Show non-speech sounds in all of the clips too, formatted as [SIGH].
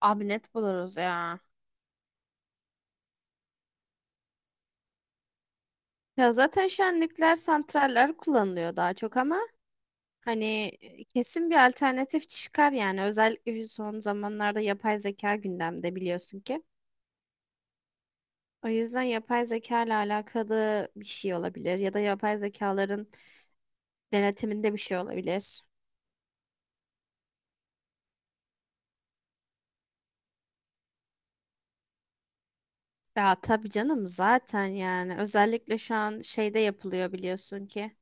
Abi net buluruz ya. Ya zaten şu an nükleer santraller kullanılıyor daha çok ama hani kesin bir alternatif çıkar yani. Özellikle şu son zamanlarda yapay zeka gündemde biliyorsun ki. O yüzden yapay zeka ile alakalı bir şey olabilir ya da yapay zekaların denetiminde bir şey olabilir. Ya tabii canım zaten yani özellikle şu an şeyde yapılıyor biliyorsun ki,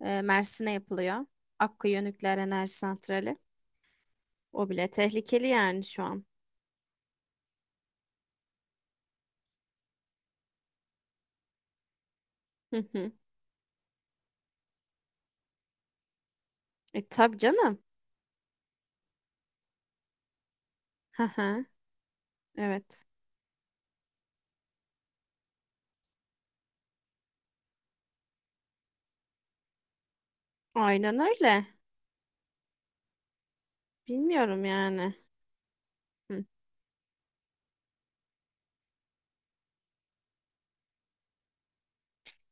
Mersin'e yapılıyor. Akkuyu Nükleer Enerji Santrali. O bile tehlikeli yani şu an. [LAUGHS] E tabii canım. Hı hı. Evet. Aynen öyle. Bilmiyorum yani. Hı.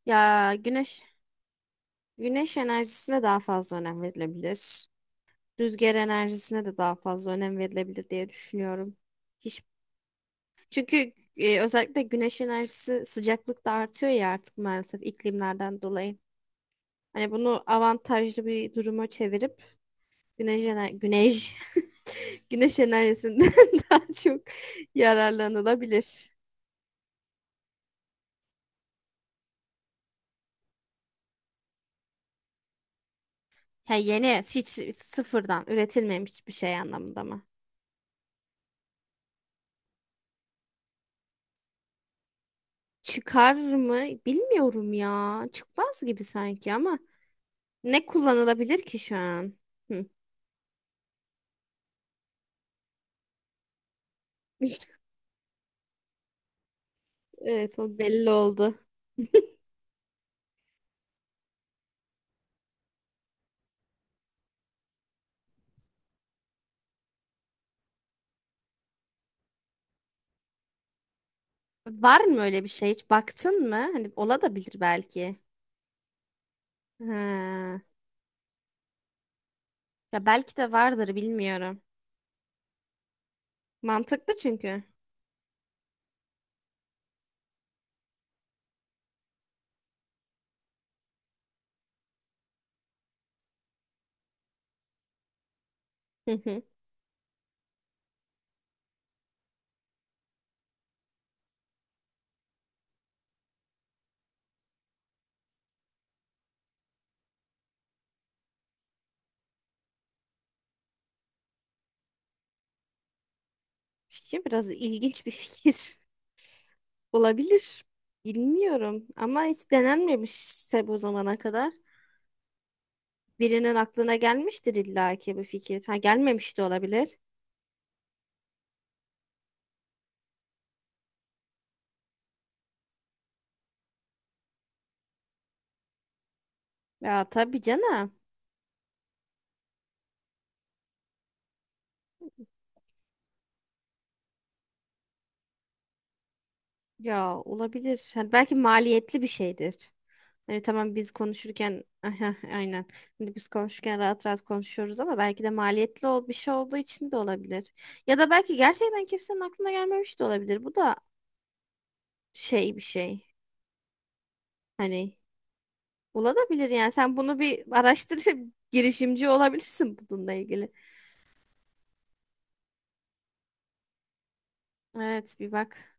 Ya güneş güneş enerjisine daha fazla önem verilebilir. Rüzgar enerjisine de daha fazla önem verilebilir diye düşünüyorum. Hiç çünkü özellikle güneş enerjisi sıcaklık da artıyor ya artık maalesef iklimlerden dolayı. Hani bunu avantajlı bir duruma çevirip güneş [LAUGHS] güneş enerjisinden [LAUGHS] daha çok yararlanılabilir. Ha, yeni hiç sıfırdan üretilmemiş hiçbir şey anlamında mı? Çıkar mı? Bilmiyorum ya. Çıkmaz gibi sanki ama ne kullanılabilir ki şu an? Hı. [LAUGHS] Evet o belli oldu. Var mı öyle bir şey? Hiç baktın mı? Hani ola da bilir belki. Ha. Ya belki de vardır bilmiyorum. Mantıklı çünkü. Hı hı. Çünkü biraz ilginç bir fikir. [LAUGHS] Olabilir. Bilmiyorum ama hiç denenmemişse bu zamana kadar. Birinin aklına gelmiştir illaki bu fikir. Ha gelmemiş de olabilir. Ya tabii canım. Ya olabilir. Hani belki maliyetli bir şeydir. Hani tamam biz konuşurken [LAUGHS] Aha, aynen. Şimdi biz konuşurken rahat rahat konuşuyoruz ama belki de maliyetli bir şey olduğu için de olabilir. Ya da belki gerçekten kimsenin aklına gelmemiş de olabilir. Bu da şey bir şey. Hani olabilir yani. Sen bunu bir araştırıp [LAUGHS] girişimci olabilirsin bununla ilgili. Evet bir bak.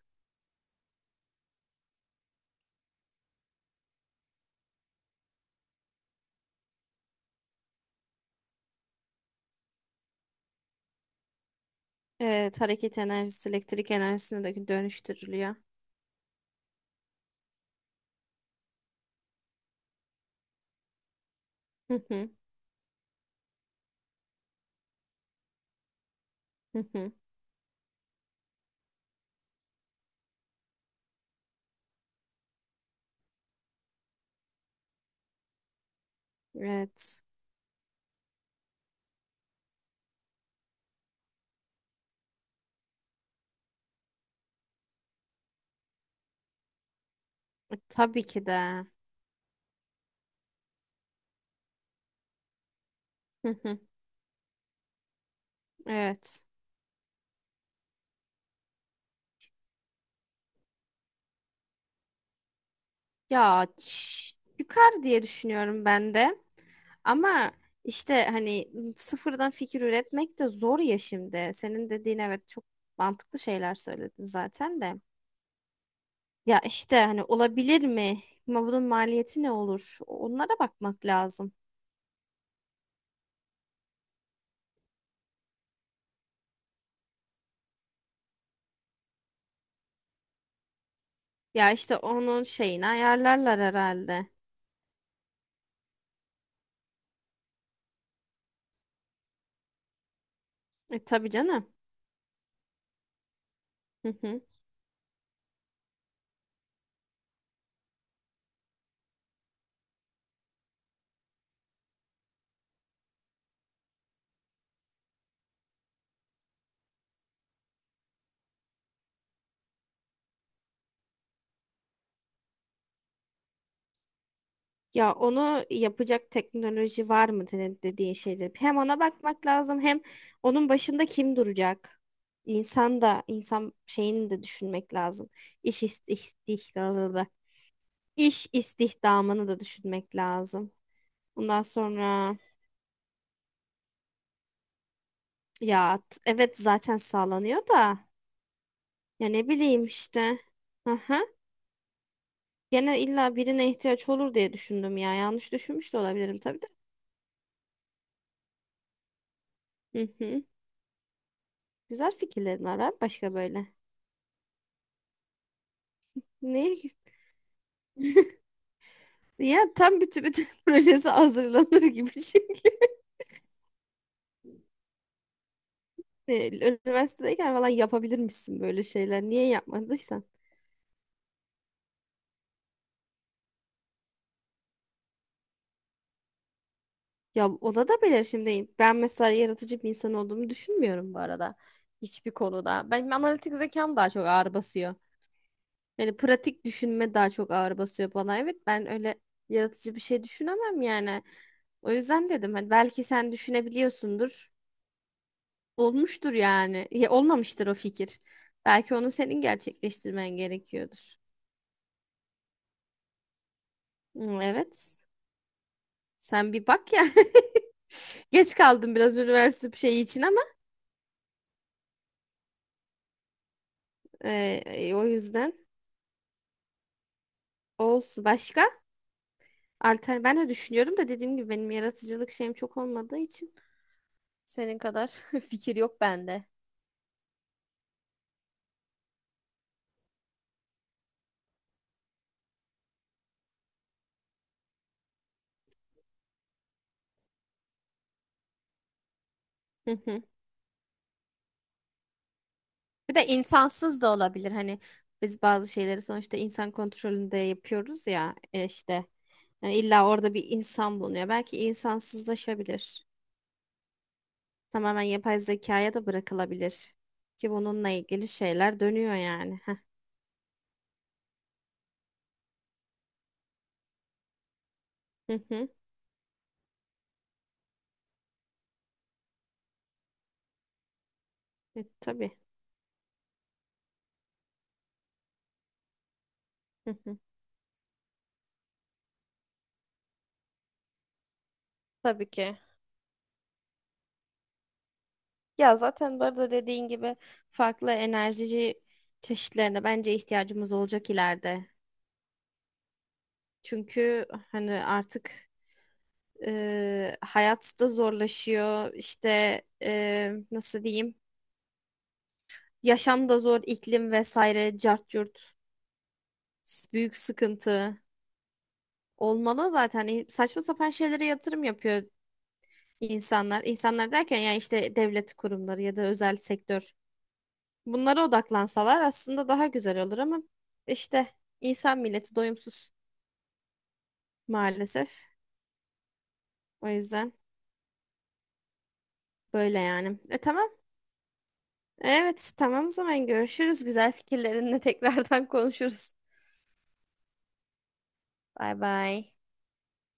Evet, hareket enerjisi elektrik enerjisine de dönüştürülüyor. Hı hı, hı hı. Evet. E, tabii ki de. Hı hı. Evet. Ya çıkar diye düşünüyorum ben de. Ama işte hani sıfırdan fikir üretmek de zor ya şimdi. Senin dediğin evet çok mantıklı şeyler söyledin zaten de. Ya işte hani olabilir mi? Ama bunun maliyeti ne olur? Onlara bakmak lazım. Ya işte onun şeyini ayarlarlar herhalde. E, tabii canım. Hı hı. Ya onu yapacak teknoloji var mı dediğin şeydir. Hem ona bakmak lazım hem onun başında kim duracak? İnsan da insan şeyini de düşünmek lazım. İş istihdamını, iş istihdamını da düşünmek lazım. Bundan sonra ya evet zaten sağlanıyor da ya ne bileyim işte. Aha. Gene illa birine ihtiyaç olur diye düşündüm ya. Yanlış düşünmüş de olabilirim tabii de. Hı hı. Güzel fikirlerin var ha başka böyle. Ne? Ya tam bütün [LAUGHS] projesi hazırlanır gibi çünkü. E, Üniversitedeyken falan yapabilirmişsin böyle şeyler. Niye yapmadıysan? Ya ona da belirşimdeyim. Ben mesela yaratıcı bir insan olduğumu düşünmüyorum bu arada. Hiçbir konuda. Benim analitik zekam daha çok ağır basıyor. Yani pratik düşünme daha çok ağır basıyor bana. Evet ben öyle yaratıcı bir şey düşünemem yani. O yüzden dedim hani belki sen düşünebiliyorsundur. Olmuştur yani. Ya, olmamıştır o fikir. Belki onu senin gerçekleştirmen gerekiyordur. Hmm, evet. Sen bir bak ya. [LAUGHS] Geç kaldım biraz üniversite bir şeyi için ama e, o yüzden olsun. Başka? Alter ben de düşünüyorum da dediğim gibi benim yaratıcılık şeyim çok olmadığı için senin kadar [LAUGHS] fikir yok bende. [LAUGHS] Bir de insansız da olabilir. Hani biz bazı şeyleri sonuçta insan kontrolünde yapıyoruz ya işte. Yani illa orada bir insan bulunuyor. Belki insansızlaşabilir. Tamamen yapay zekaya da bırakılabilir. Ki bununla ilgili şeyler dönüyor yani. Heh. Hı hı. E, tabii. Hı hı. Tabii ki. Ya zaten bu arada dediğin gibi farklı enerji çeşitlerine bence ihtiyacımız olacak ileride. Çünkü hani artık hayat da zorlaşıyor. İşte nasıl diyeyim? Yaşam da zor, iklim vesaire, cart curt, büyük sıkıntı olmalı zaten. E, saçma sapan şeylere yatırım yapıyor insanlar. İnsanlar derken yani işte devlet kurumları ya da özel sektör. Bunlara odaklansalar aslında daha güzel olur ama işte insan milleti doyumsuz maalesef. O yüzden böyle yani. E tamam. Evet tamam o zaman görüşürüz. Güzel fikirlerinle [LAUGHS] tekrardan konuşuruz. Bay bay.